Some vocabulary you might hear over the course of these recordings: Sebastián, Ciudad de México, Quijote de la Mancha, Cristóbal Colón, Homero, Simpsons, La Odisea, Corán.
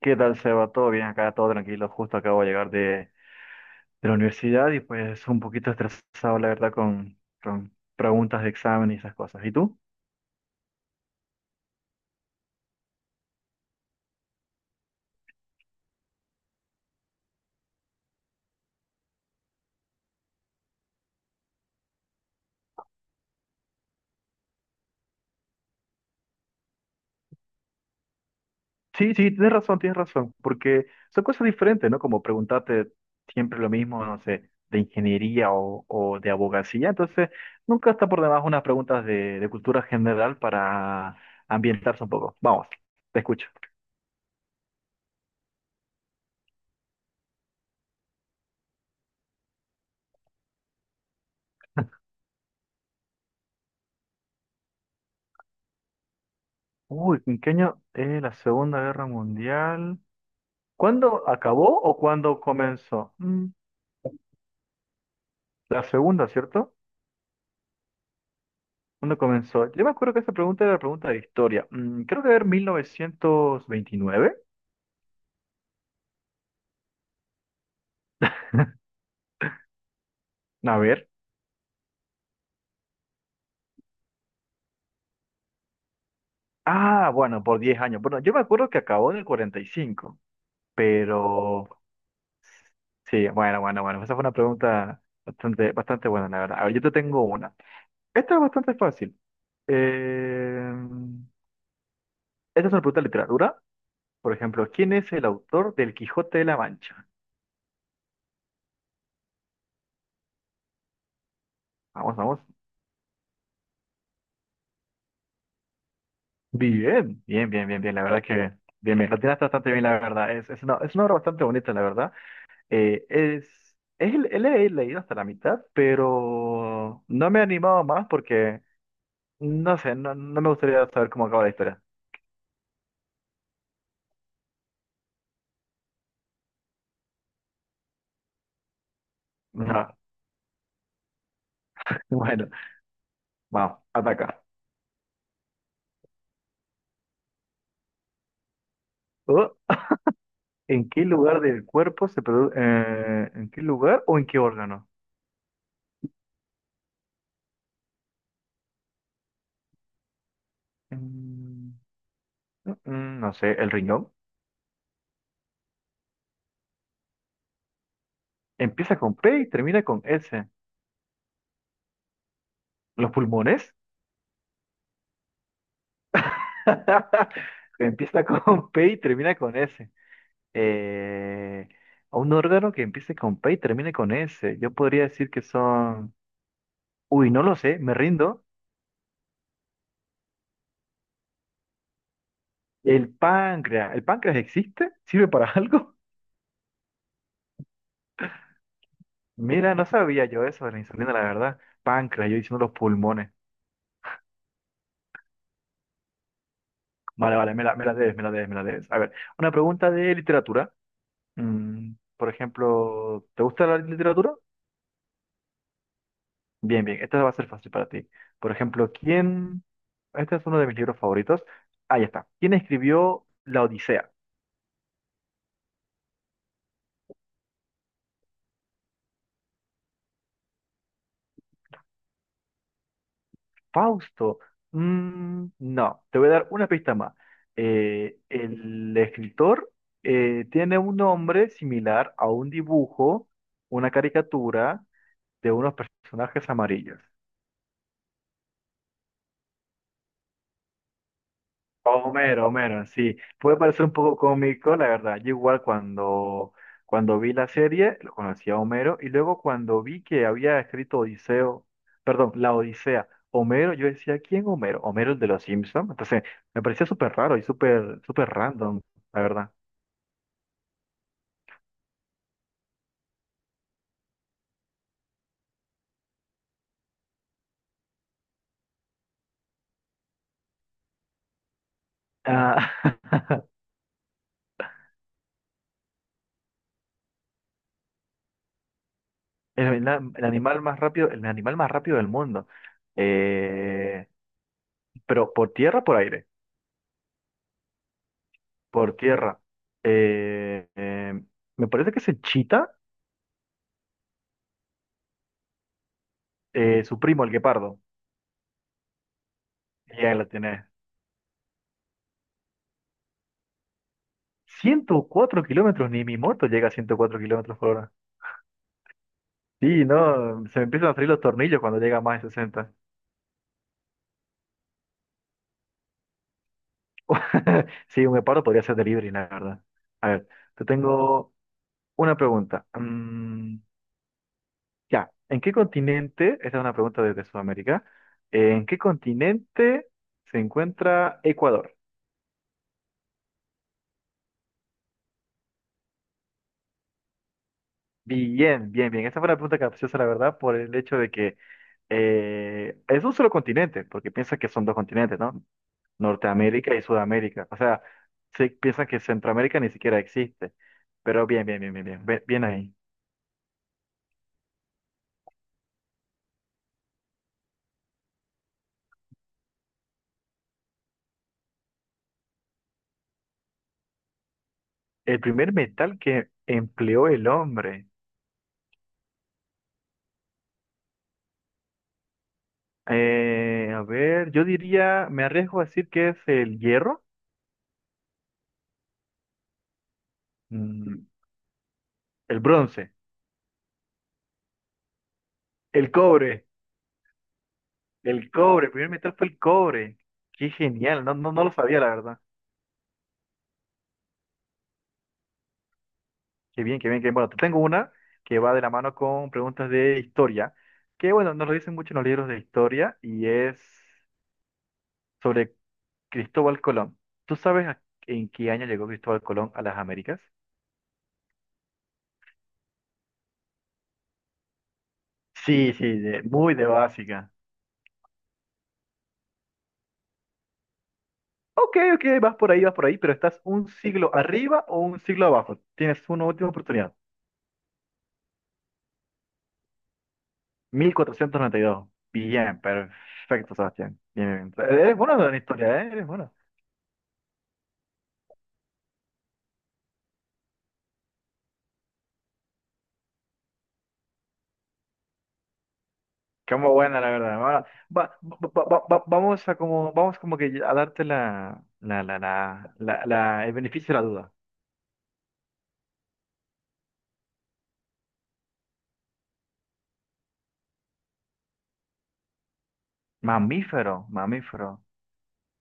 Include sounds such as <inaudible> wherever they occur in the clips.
¿Qué tal, Seba? ¿Todo bien acá? ¿Todo tranquilo? Justo acabo de llegar de la universidad y pues un poquito estresado, la verdad, con preguntas de examen y esas cosas. ¿Y tú? Sí, sí, tienes razón, porque son cosas diferentes, ¿no? Como preguntarte siempre lo mismo, no sé, de ingeniería o de abogacía. Entonces, nunca está por demás unas preguntas de cultura general para ambientarse un poco. Vamos, te escucho. Uy, ¿en qué año es la Segunda Guerra Mundial? ¿Cuándo acabó o cuándo comenzó? La segunda, ¿cierto? ¿Cuándo comenzó? Yo me acuerdo que esa pregunta era la pregunta de historia. Creo que era 1929. A ver. Ah, bueno, por 10 años. Bueno, yo me acuerdo que acabó en el 45, pero... Sí, bueno, bueno, bueno. Esa fue una pregunta bastante, bastante buena, la verdad. A ver, yo te tengo una. Esta es bastante fácil. Eh, esta es una pregunta de literatura. Por ejemplo, ¿quién es el autor del Quijote de la Mancha? Vamos, vamos. Bien, bien, bien, bien, bien. La verdad que bien, bien. Lo tiraste bastante bien, la verdad. Es una obra bastante bonita, la verdad. Le he leído hasta la mitad, pero no me he animado más porque, no sé, no me gustaría saber cómo acaba la historia. <laughs> No. Bueno, vamos, ataca. Oh, ¿en qué lugar del cuerpo se produce? ¿En qué lugar o en qué órgano? Mm, no sé, el riñón. Empieza con P y termina con S. ¿Los pulmones? <laughs> Que empieza con P y termina con S. Eh, a un órgano que empiece con P y termine con S. Yo podría decir que son... Uy, no lo sé, me rindo. El páncreas. ¿El páncreas existe? ¿Sirve para <laughs> algo? Mira, no sabía yo eso de la insulina, la verdad. Páncreas, yo diciendo los pulmones. Vale, vale, me la debes, me la debes, me la debes. A ver, una pregunta de literatura. Mm, por ejemplo, ¿te gusta la literatura? Bien, bien, esta va a ser fácil para ti. Por ejemplo, ¿quién? Este es uno de mis libros favoritos. Ahí está. ¿Quién escribió La Odisea? Fausto. No, te voy a dar una pista más. El escritor tiene un nombre similar a un dibujo, una caricatura de unos personajes amarillos. Homero, Homero, sí. Puede parecer un poco cómico, la verdad. Yo igual cuando vi la serie, lo conocía a Homero, y luego cuando vi que había escrito Odiseo, perdón, la Odisea, Homero, yo decía, ¿quién Homero? Homero el de los Simpsons. Entonces, me parecía súper raro y súper, súper random, la verdad. Ah, <laughs> el animal más rápido, el animal más rápido del mundo. Eh, pero por tierra, o por aire, por tierra. Eh, eh, me parece que es el chita. Su primo, el guepardo, ya la tiene. 104 kilómetros, ni mi moto llega a 104 kilómetros por hora. Sí, no, se me empiezan a salir los tornillos cuando llega a más de 60. <laughs> Sí, un guepardo podría ser delivery, la verdad. A ver, te tengo una pregunta. Mm, ya, ¿en qué continente, esta es una pregunta desde Sudamérica, ¿en qué continente se encuentra Ecuador? Bien, bien, bien. Esa fue una pregunta capciosa, la verdad, por el hecho de que es un solo continente, porque piensa que son dos continentes, ¿no? Norteamérica y Sudamérica. O sea, sí piensan que Centroamérica ni siquiera existe. Pero bien, bien, bien, bien, bien, bien ahí. El primer metal que empleó el hombre. A ver, yo diría, me arriesgo a decir que es el hierro. Mm, el bronce, el cobre, el cobre. El primer metal fue el cobre. Qué genial, no, no, no lo sabía, la verdad. Qué bien, qué bien, qué bien. Bueno, te tengo una que va de la mano con preguntas de historia, que bueno, nos lo dicen mucho en los libros de historia y es sobre Cristóbal Colón. ¿Tú sabes en qué año llegó Cristóbal Colón a las Américas? Sí, sí, muy de básica. Ok, ok, vas por ahí, pero estás un siglo arriba o un siglo abajo. Tienes una última oportunidad. 1492. Bien, perfecto, Sebastián. Bien, bien. Bien. Eres bueno en historia, ¿eh? Eres bueno. Como buena, la verdad. Vamos a como, vamos como que a darte el beneficio de la duda. Mamífero, mamífero.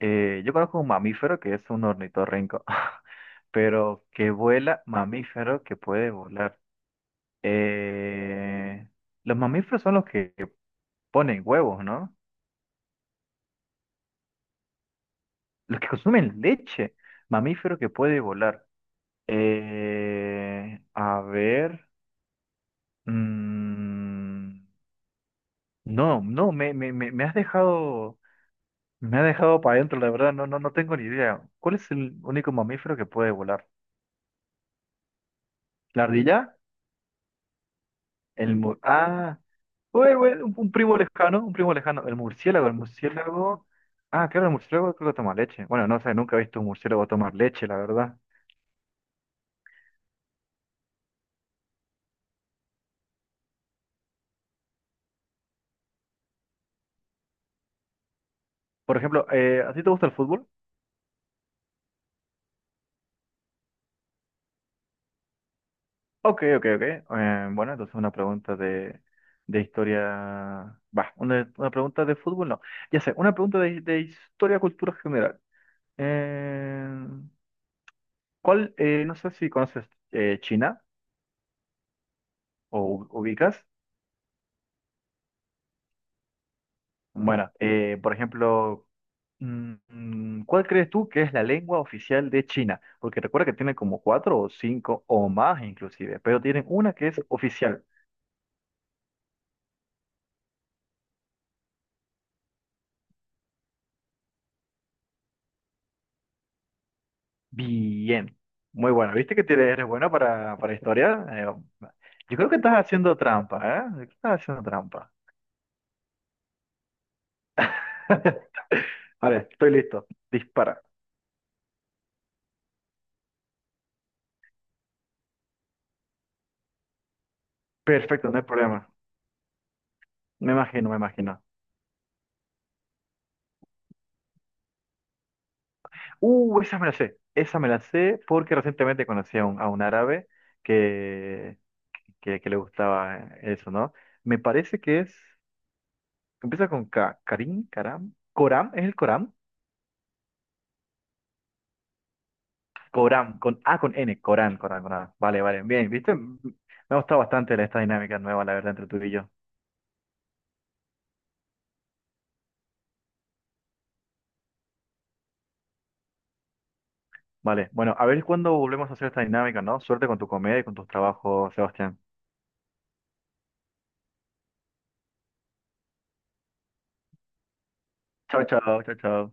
Yo conozco un mamífero que es un ornitorrinco, <laughs> pero que vuela, mamífero que puede volar. Eh, los mamíferos son los que ponen huevos, ¿no? Los que consumen leche. Mamífero que puede volar. A ver. mm, No, no, me has dejado para adentro, la verdad, no, no, no tengo ni idea. ¿Cuál es el único mamífero que puede volar? ¿La ardilla? Ah, bueno, bueno, un primo lejano, un primo lejano. El murciélago, el murciélago. Ah, claro, el murciélago creo que toma leche. Bueno, no sé, nunca he visto un murciélago tomar leche, la verdad. Por ejemplo, ¿a ti te gusta el fútbol? Ok, ok, ok. Bueno, entonces una pregunta de historia. Va, una pregunta de fútbol, no. Ya sé, una pregunta de historia, cultura general. Eh, ¿Cuál? No sé si conoces China o ubicas. Bueno, por ejemplo, ¿cuál crees tú que es la lengua oficial de China? Porque recuerda que tienen como cuatro o cinco o más inclusive, pero tienen una que es oficial. Bien, muy bueno. ¿Viste que eres bueno para historia? Yo creo que estás haciendo trampa, ¿eh? Yo creo que estás haciendo trampa. <laughs> Vale, estoy listo. Dispara. Perfecto, no hay problema. Me imagino, me imagino. Esa me la sé. Esa me la sé porque recientemente conocí a a un árabe que, que le gustaba eso, ¿no? Me parece que es. Empieza con K. Karim, Karam. Coram, ¿es el Coram? Coram, con A, con N. Corán, Corán, Corán. Vale, vale, bien, ¿viste? Mm, mm, me ha gustado bastante esta dinámica nueva, la verdad, entre tú y yo. Vale, bueno, a ver cuándo volvemos a hacer esta dinámica, ¿no? Suerte con tu comedia y con tus trabajos, Sebastián. Chao, chao, chao, chao.